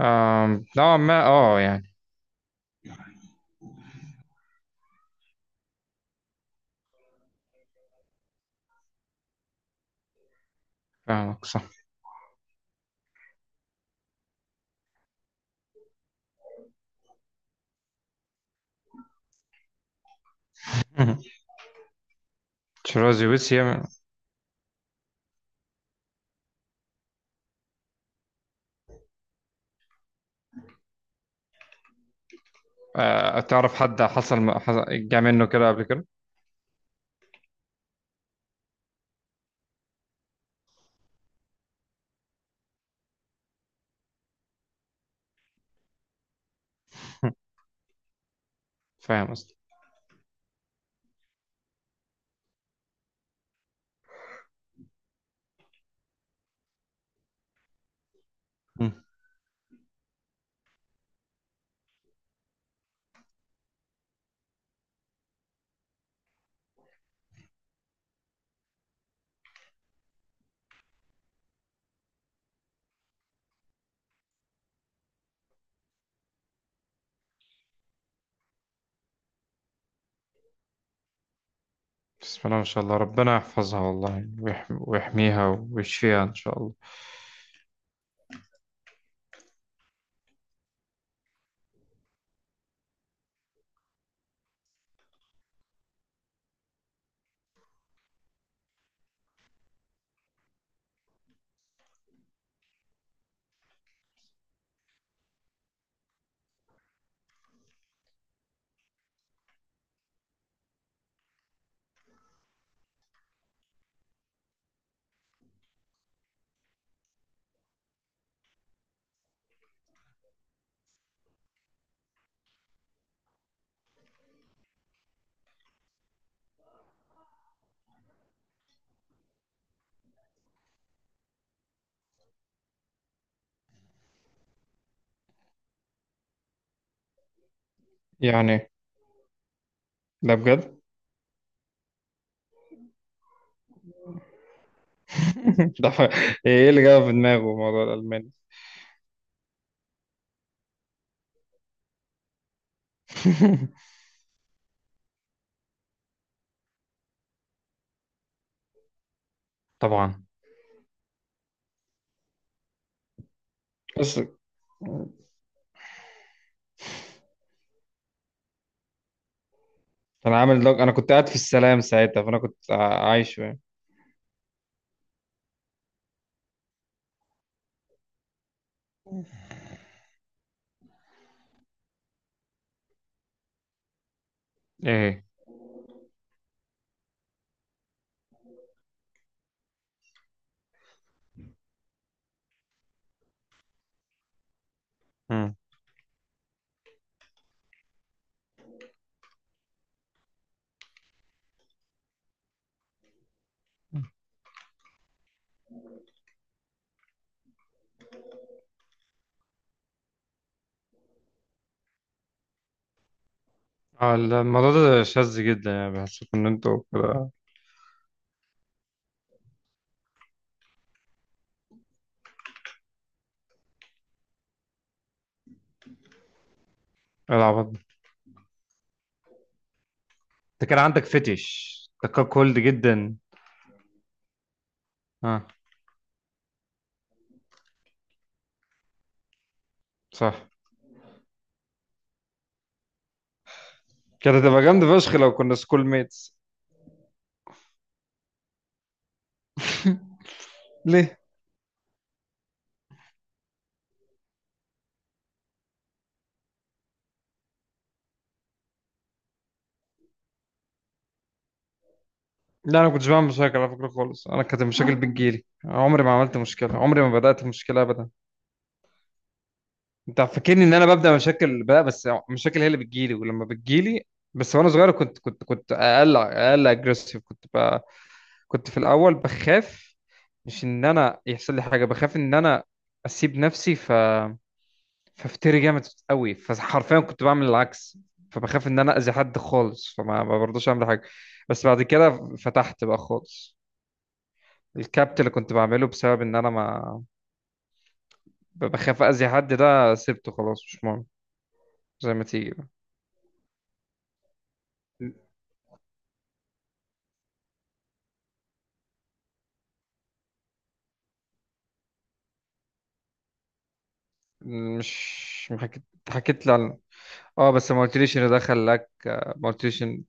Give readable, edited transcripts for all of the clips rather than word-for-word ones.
نوعا ما يعني فاهمك صح. تشيروزي ويسيا. تعرف حد جه منه كده قبل كده؟ فاهم قصدي. مم. بسم الله ما شاء الله، ربنا يحفظها والله ويحميها ويشفيها ان شاء الله. يعني ده بجد؟ ده ح- ايه اللي جاب في دماغه موضوع الالماني؟ طبعا. بس كان عامل دوج، انا كنت قاعد في السلام ساعتها، فانا كنت عايش يعني. ايه؟ مم. اه، الموضوع ده شاذ جدا، يعني بحس ان انتوا كده. العب. انت كان عندك فتش. انت كان كولد جدا. اه، صح. كانت هتبقى جامدة فشخ لو كنا سكول ميتس. ليه؟ لا، انا ما كنتش بعمل مشاكل على فكره خالص، انا كانت المشاكل بتجيلي، عمري ما عملت مشكله، عمري ما بدات مشكله ابدا. انت فاكرني ان انا ببدا مشاكل بقى، بس مشاكل هي اللي بتجيلي ولما بتجيلي. بس وانا صغير كنت اقل اجريسيف كنت بقى. كنت في الاول بخاف، مش ان انا يحصل لي حاجه، بخاف ان انا اسيب نفسي ف ففتري جامد قوي، فحرفيا كنت بعمل العكس. فبخاف ان انا اذي حد خالص، فما ما برضوش اعمل حاجه. بس بعد كده فتحت بقى خالص، الكابت اللي كنت بعمله بسبب ان انا ما بخاف اذي حد، ده سبته خلاص مش مهم، زي ما تيجي بقى. مش ما حكيت؟ حكيت لي عن. اه، بس ما قلتليش ان ده خلاك. ما قلتليش ان.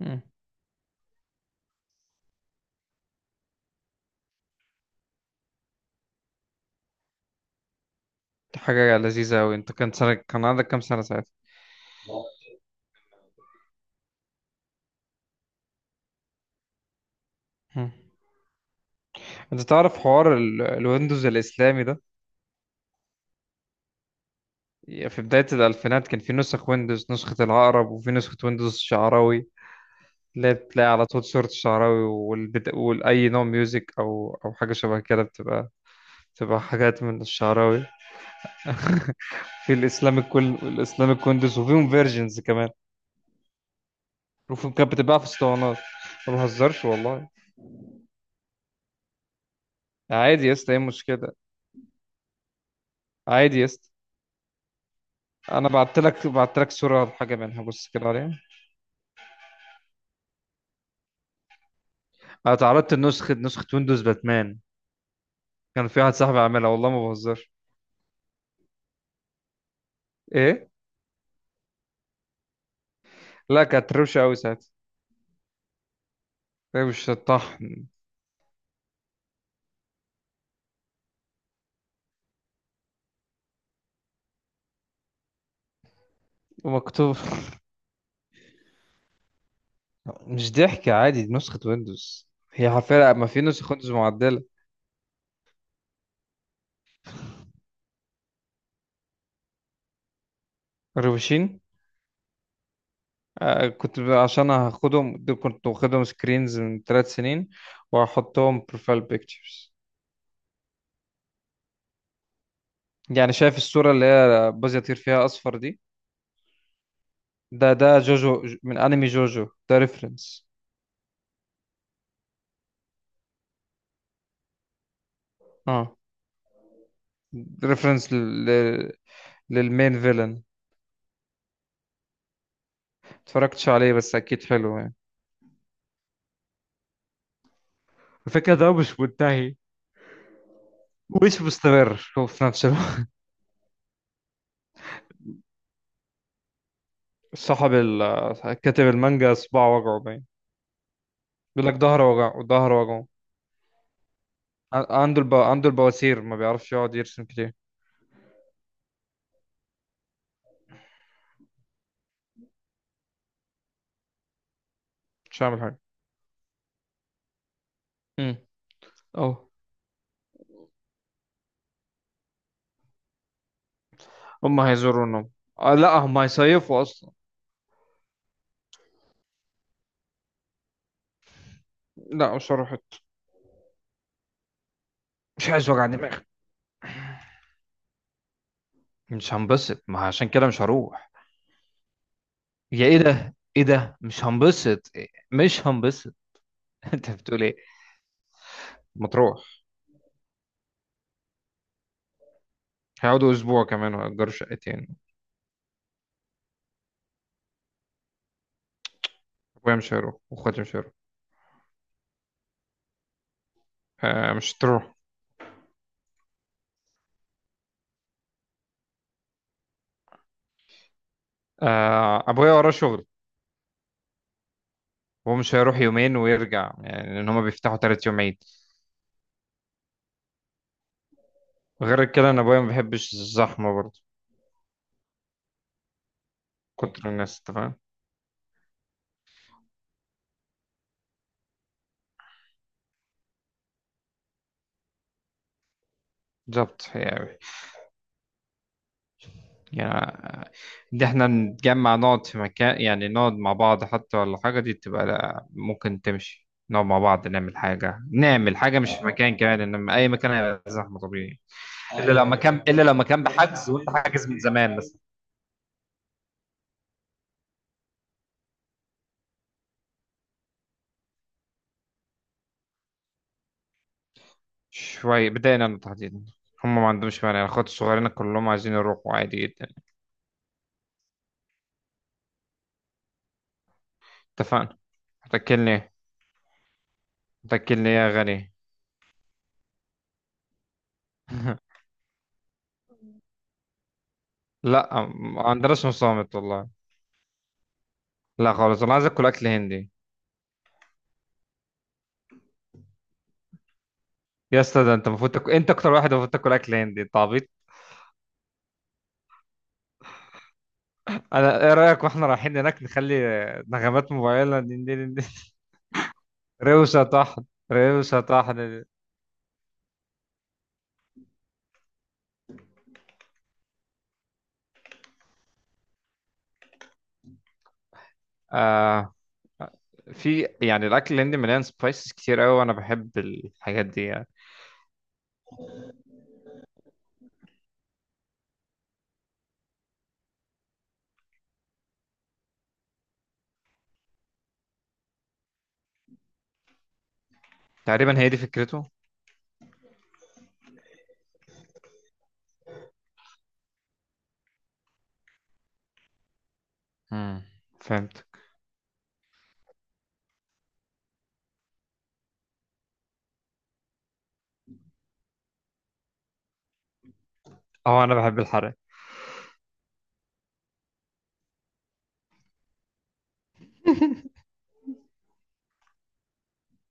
مم. دي حاجه لذيذه قوي، انت كان سنه، كان عندك كام سنه ساعتها؟ مم. انت تعرف حوار الويندوز الاسلامي ده؟ في بداية الألفينات كان في نسخ ويندوز، نسخة العقرب وفي نسخة ويندوز الشعراوي، اللي هي بتلاقي على طول صورة الشعراوي والأي نوع ميوزك أو حاجة شبه كده بتبقى بتبقى حاجات من الشعراوي. في الإسلامك، كل الإسلامك ويندوز، وفيهم فيرجنز كمان، وفيهم كانت بتتباع في اسطوانات. ما بهزرش والله. عادي يا اسطى، ايه المشكلة؟ عادي يا اسطى. أنا بعت لك، صورة لحاجة منها، بص كده عليها. أنا تعرضت لنسخة، نسخة ويندوز باتمان، كان في واحد صاحبي عاملها، والله ما بهزرش. إيه؟ لا، كانت روشة أوي ساعتها، هي مش الطحن. ومكتوب. مش ضحك عادي، دي نسخة ويندوز، هي حرفيا، ما في نسخ ويندوز معدلة. الروشين. كنت عشان هاخدهم دول، كنت واخدهم سكرينز من 3 سنين، وهحطهم بروفايل بيكتشرز. يعني شايف الصورة اللي هي باز يطير فيها أصفر دي؟ ده جوجو، من أنمي جوجو، ده ريفرنس. اه. ريفرنس للمين فيلن. اتفرجتش عليه بس أكيد حلو يعني. الفكرة ده مش منتهي، مش مستمر هو في نفس الوقت. كاتب المانجا صباعه وجعه باين، بيقول لك ظهره وجعه، ظهره وجعه. عنده البواسير، ما بيعرفش يقعد يرسم كتير. مش هعمل حاجة. امم. اه، هم هيزورونهم. آه، لا هم هيصيفوا اصلا. لا، مش هروح. مش عايز وجع دماغ. مش هنبسط، ما عشان كده مش هروح. يا، ايه ده؟ ايه ده؟ مش هنبسط إيه؟ مش هنبسط. انت بتقول ايه؟ ما تروح. هيقعدوا اسبوع كمان وهيأجروا شقتين. ابويا مش هيروح واخواتي مش هيروح. آه، مش تروح. ابويا وراه شغل، هو مش هيروح يومين ويرجع يعني، لان هما بيفتحوا 3 يوم عيد. غير كده انا ابويا ما بيحبش الزحمه برضه، كتر الناس، انت فاهم. بالظبط، هي أوي. يعني ان احنا نتجمع، نقعد في مكان، يعني نقعد مع بعض حتى ولا حاجه، دي تبقى لا، ممكن تمشي، نقعد مع بعض نعمل حاجه، نعمل حاجه مش في مكان كمان، انما اي مكان هيبقى زحمه طبيعي. الا لو، ايوه ايوه، مكان، الا لو مكان بحجز وانت حاجز من زمان بس. شويه بدأنا تحديدا. هم ما عندهمش مانع، الاخوات الصغيرين كلهم عايزين يروحوا عادي جدا. اتفقنا. هتاكلني ايه؟ هتاكلني إيه يا غني؟ لا، ما عندناش مصامت والله. لا خالص، انا عايز اكل هندي. يا اسطى، ده انت المفروض تاكل، انت اكتر واحد المفروض تاكل اكل هندي، انت عبيط. انا، ايه رايك واحنا رايحين هناك نخلي نغمات موبايلنا دين دين دين؟ روشه طحن. روشه طحن. آه. في يعني الاكل الهندي مليان سبايسز كتير قوي وانا بحب الحاجات دي يعني. تقريبا هي دي فكرته. امم. فهمتك. اه، انا بحب الحرق.